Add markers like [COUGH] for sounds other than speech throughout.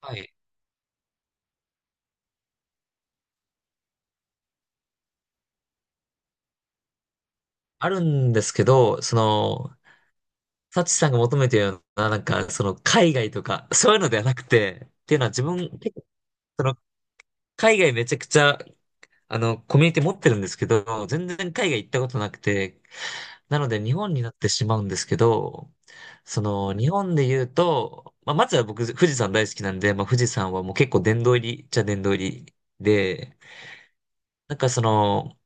はい。あるんですけど、その、サチさんが求めてるような、なんか、その、海外とか、[LAUGHS] そういうのではなくて、っていうのは自分、結構、その、海外めちゃくちゃ、あの、コミュニティ持ってるんですけど、全然海外行ったことなくて、なので日本になってしまうんですけど、その、日本で言うと、まあ、まずは僕、富士山大好きなんで、まあ、富士山はもう結構殿堂入りっちゃ殿堂入りで、なんかその、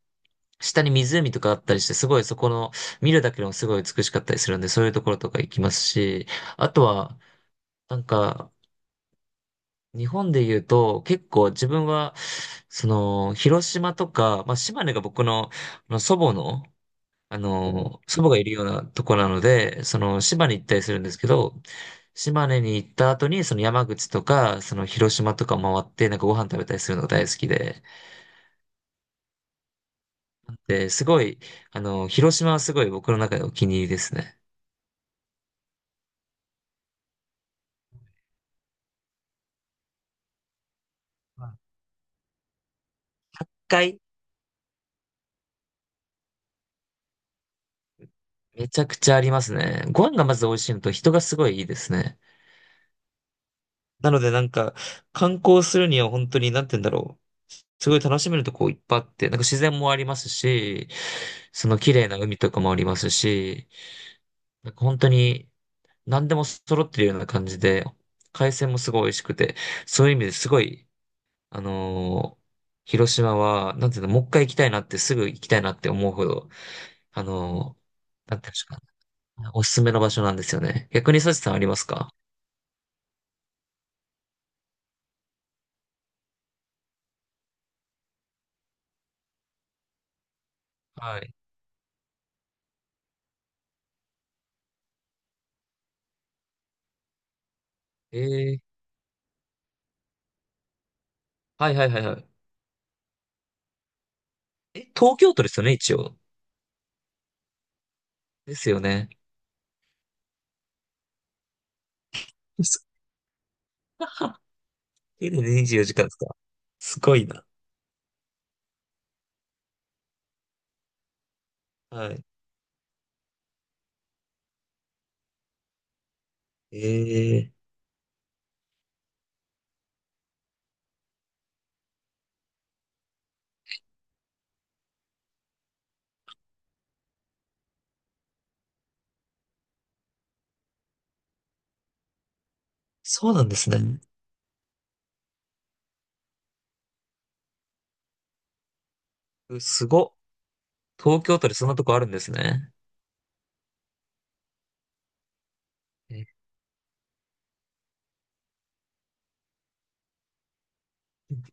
下に湖とかあったりして、すごいそこの、見るだけでもすごい美しかったりするんで、そういうところとか行きますし、あとは、なんか、日本で言うと、結構自分は、その、広島とか、まあ、島根が僕の、あの祖母の、あの、祖母がいるようなとこなので、その、島根行ったりするんですけど、島根に行った後に、その山口とか、その広島とか回って、なんかご飯食べたりするのが大好きで、で、すごい、あの、広島はすごい僕の中でお気に入りですね。回めちゃくちゃありますね。ご飯がまず美味しいのと人がすごいいいですね。なのでなんか、観光するには本当に、なんて言うんだろう。すごい楽しめるとこいっぱいあって、なんか自然もありますし、その綺麗な海とかもありますし、なんか本当に何でも揃ってるような感じで、海鮮もすごい美味しくて、そういう意味ですごい、あのー広島は、なんていうの、もう一回行きたいなって、すぐ行きたいなって思うほど、あのーなんていうんですかね、おすすめの場所なんですよね。逆にサチさんありますか？はい。えー、はいはいはいはい。え、東京都ですよね、一応。ですよね。そ [LAUGHS] で24 [LAUGHS] 時間ですか？すごいな。はい。えー、そうなんですね。うすご東京都でそんなとこあるんですね。え、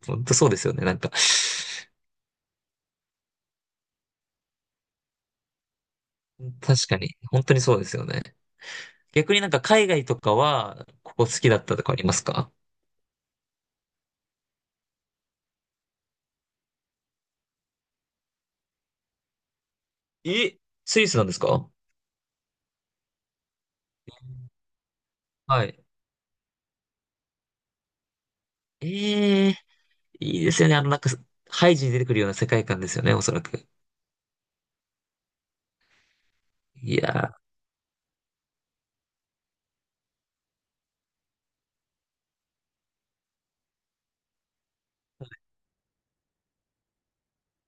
本当そうですよね。なんか、確かに。本当にそうですよね。逆になんか海外とかは、ここ好きだったとかありますか？え、スイスなんですか？はい。え、いいですよね。あの、なんか、ハイジに出てくるような世界観ですよね、おそらく。いや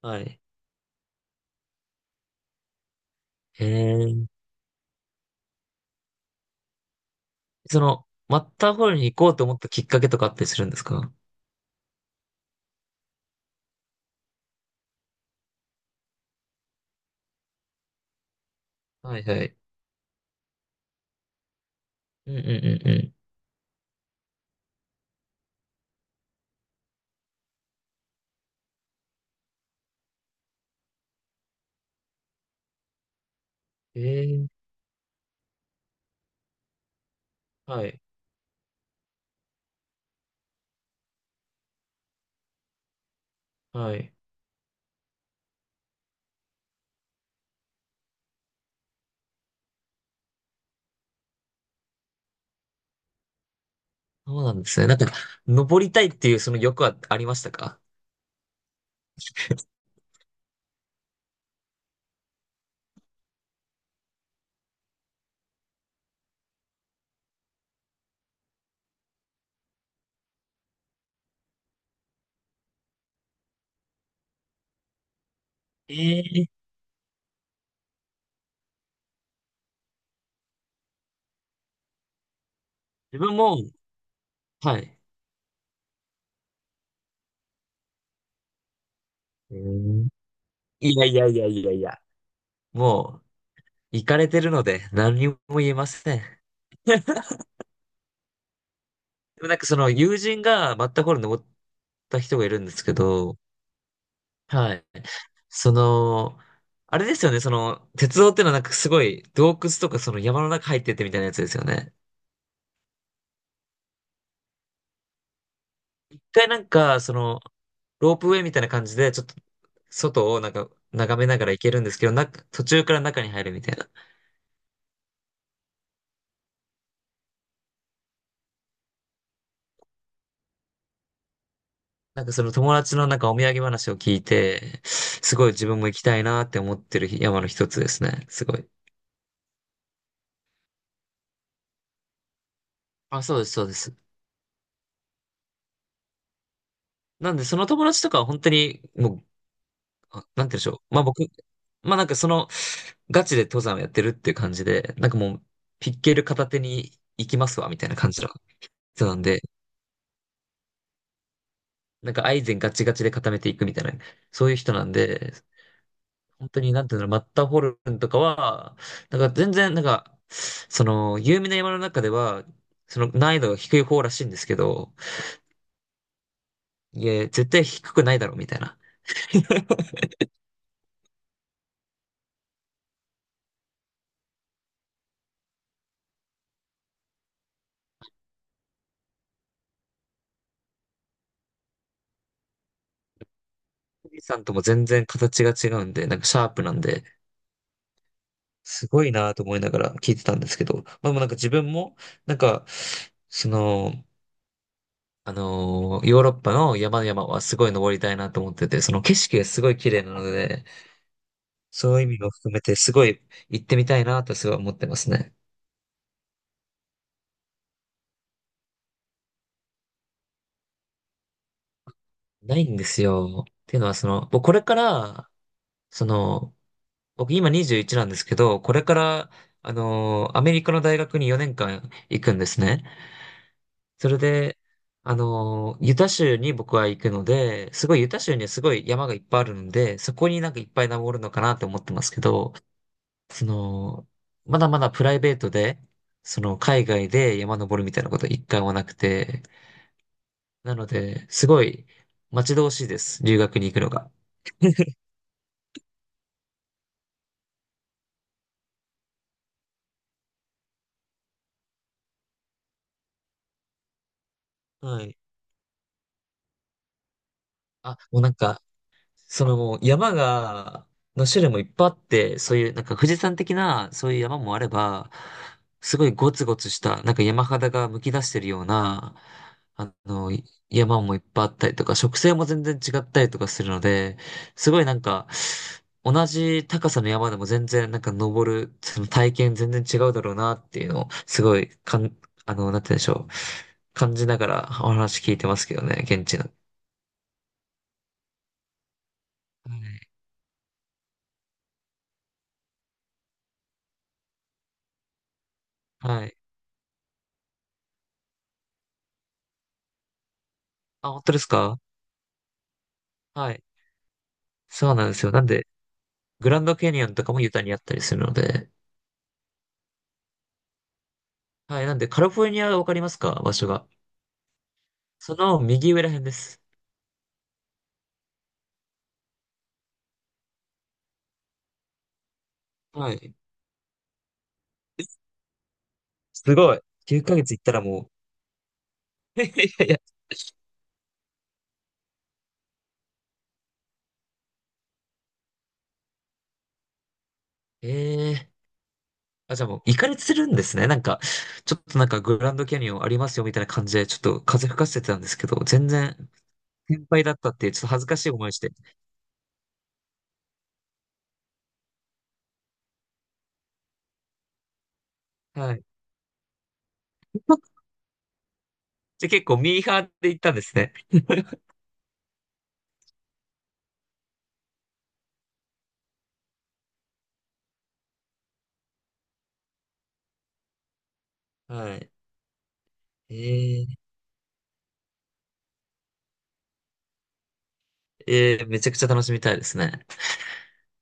ー、はい。へえー、その、マッターホルンに行こうと思ったきっかけとかあったりするんですか？はいはい。うんうんうんうん。ええ、はい、はい。そうなんですね。なんか、登りたいっていうその欲はありましたか？ええ、自分も、はい。えー、いやいやいやいやいや、もう、行かれてるので、何にも言えません。でもなんかその友人がマッターホルン登った人がいるんですけど、はい。その、あれですよね、その、鉄道ってのはなんかすごい洞窟とかその山の中入ってってみたいなやつですよね。一回なんか、その、ロープウェイみたいな感じで、ちょっと外をなんか眺めながら行けるんですけど、な、途中から中に入るみたいな。なんかその友達のなんかお土産話を聞いて、すごい自分も行きたいなって思ってる山の一つですね。すごい。あ、そうです、そうです。なんでその友達とかは本当にもう、あ、なんて言うんでしょう。まあ僕、まあなんかその、ガチで登山をやってるっていう感じで、なんかもう、ピッケル片手に行きますわ、みたいな感じの人なんで、なんかアイゼンガチガチで固めていくみたいな、そういう人なんで、本当になんていうの、マッターホルンとかは、なんか全然、なんか、その、有名な山の中では、その難易度が低い方らしいんですけど、いや、絶対低くないだろう、みたいな。[LAUGHS] 富士山とも全然形が違うんで、なんかシャープなんで、すごいなと思いながら聞いてたんですけど、まあでもなんか自分も、なんか、その、ヨーロッパの山々はすごい登りたいなと思ってて、その景色がすごい綺麗なので、そういう意味も含めてすごい行ってみたいなとすごい思ってますね。ないんですよ。っていうのはその、僕これから、その、僕今21なんですけど、これから、アメリカの大学に4年間行くんですね。それで、ユタ州に僕は行くので、すごいユタ州にはすごい山がいっぱいあるので、そこになんかいっぱい登るのかなって思ってますけど、その、まだまだプライベートで、その海外で山登るみたいなこと一回もなくて、なので、すごい待ち遠しいです、留学に行くのが。[LAUGHS] はい。あ、もうなんか、そのもう山が、の種類もいっぱいあって、そういうなんか富士山的なそういう山もあれば、すごいゴツゴツしたなんか山肌がむき出してるような、あの、山もいっぱいあったりとか、植生も全然違ったりとかするので、すごいなんか、同じ高さの山でも全然なんか登る、その体験全然違うだろうなっていうのを、すごいかん、あの、なんて言うんでしょう。感じながらお話聞いてますけどね、現地の。はい。はい。あ、本当ですか？はい。そうなんですよ。なんで、グランドキャニオンとかもユタにあったりするので。はい。なんで、カリフォルニアわかりますか、場所が。その右上ら辺です。はい。すごい。9ヶ月行ったらもう。[LAUGHS] いやいや、ええ、あ、じゃあもう、行かれてるんですね。なんか、ちょっとなんかグランドキャニオンありますよみたいな感じで、ちょっと風吹かせてたんですけど、全然先輩だったっていう、ちょっと恥ずかしい思いして。はい。[LAUGHS] じゃあ結構ミーハーで行ったんですね。はい。ええ、ええ、めちゃくちゃ楽しみたいですね。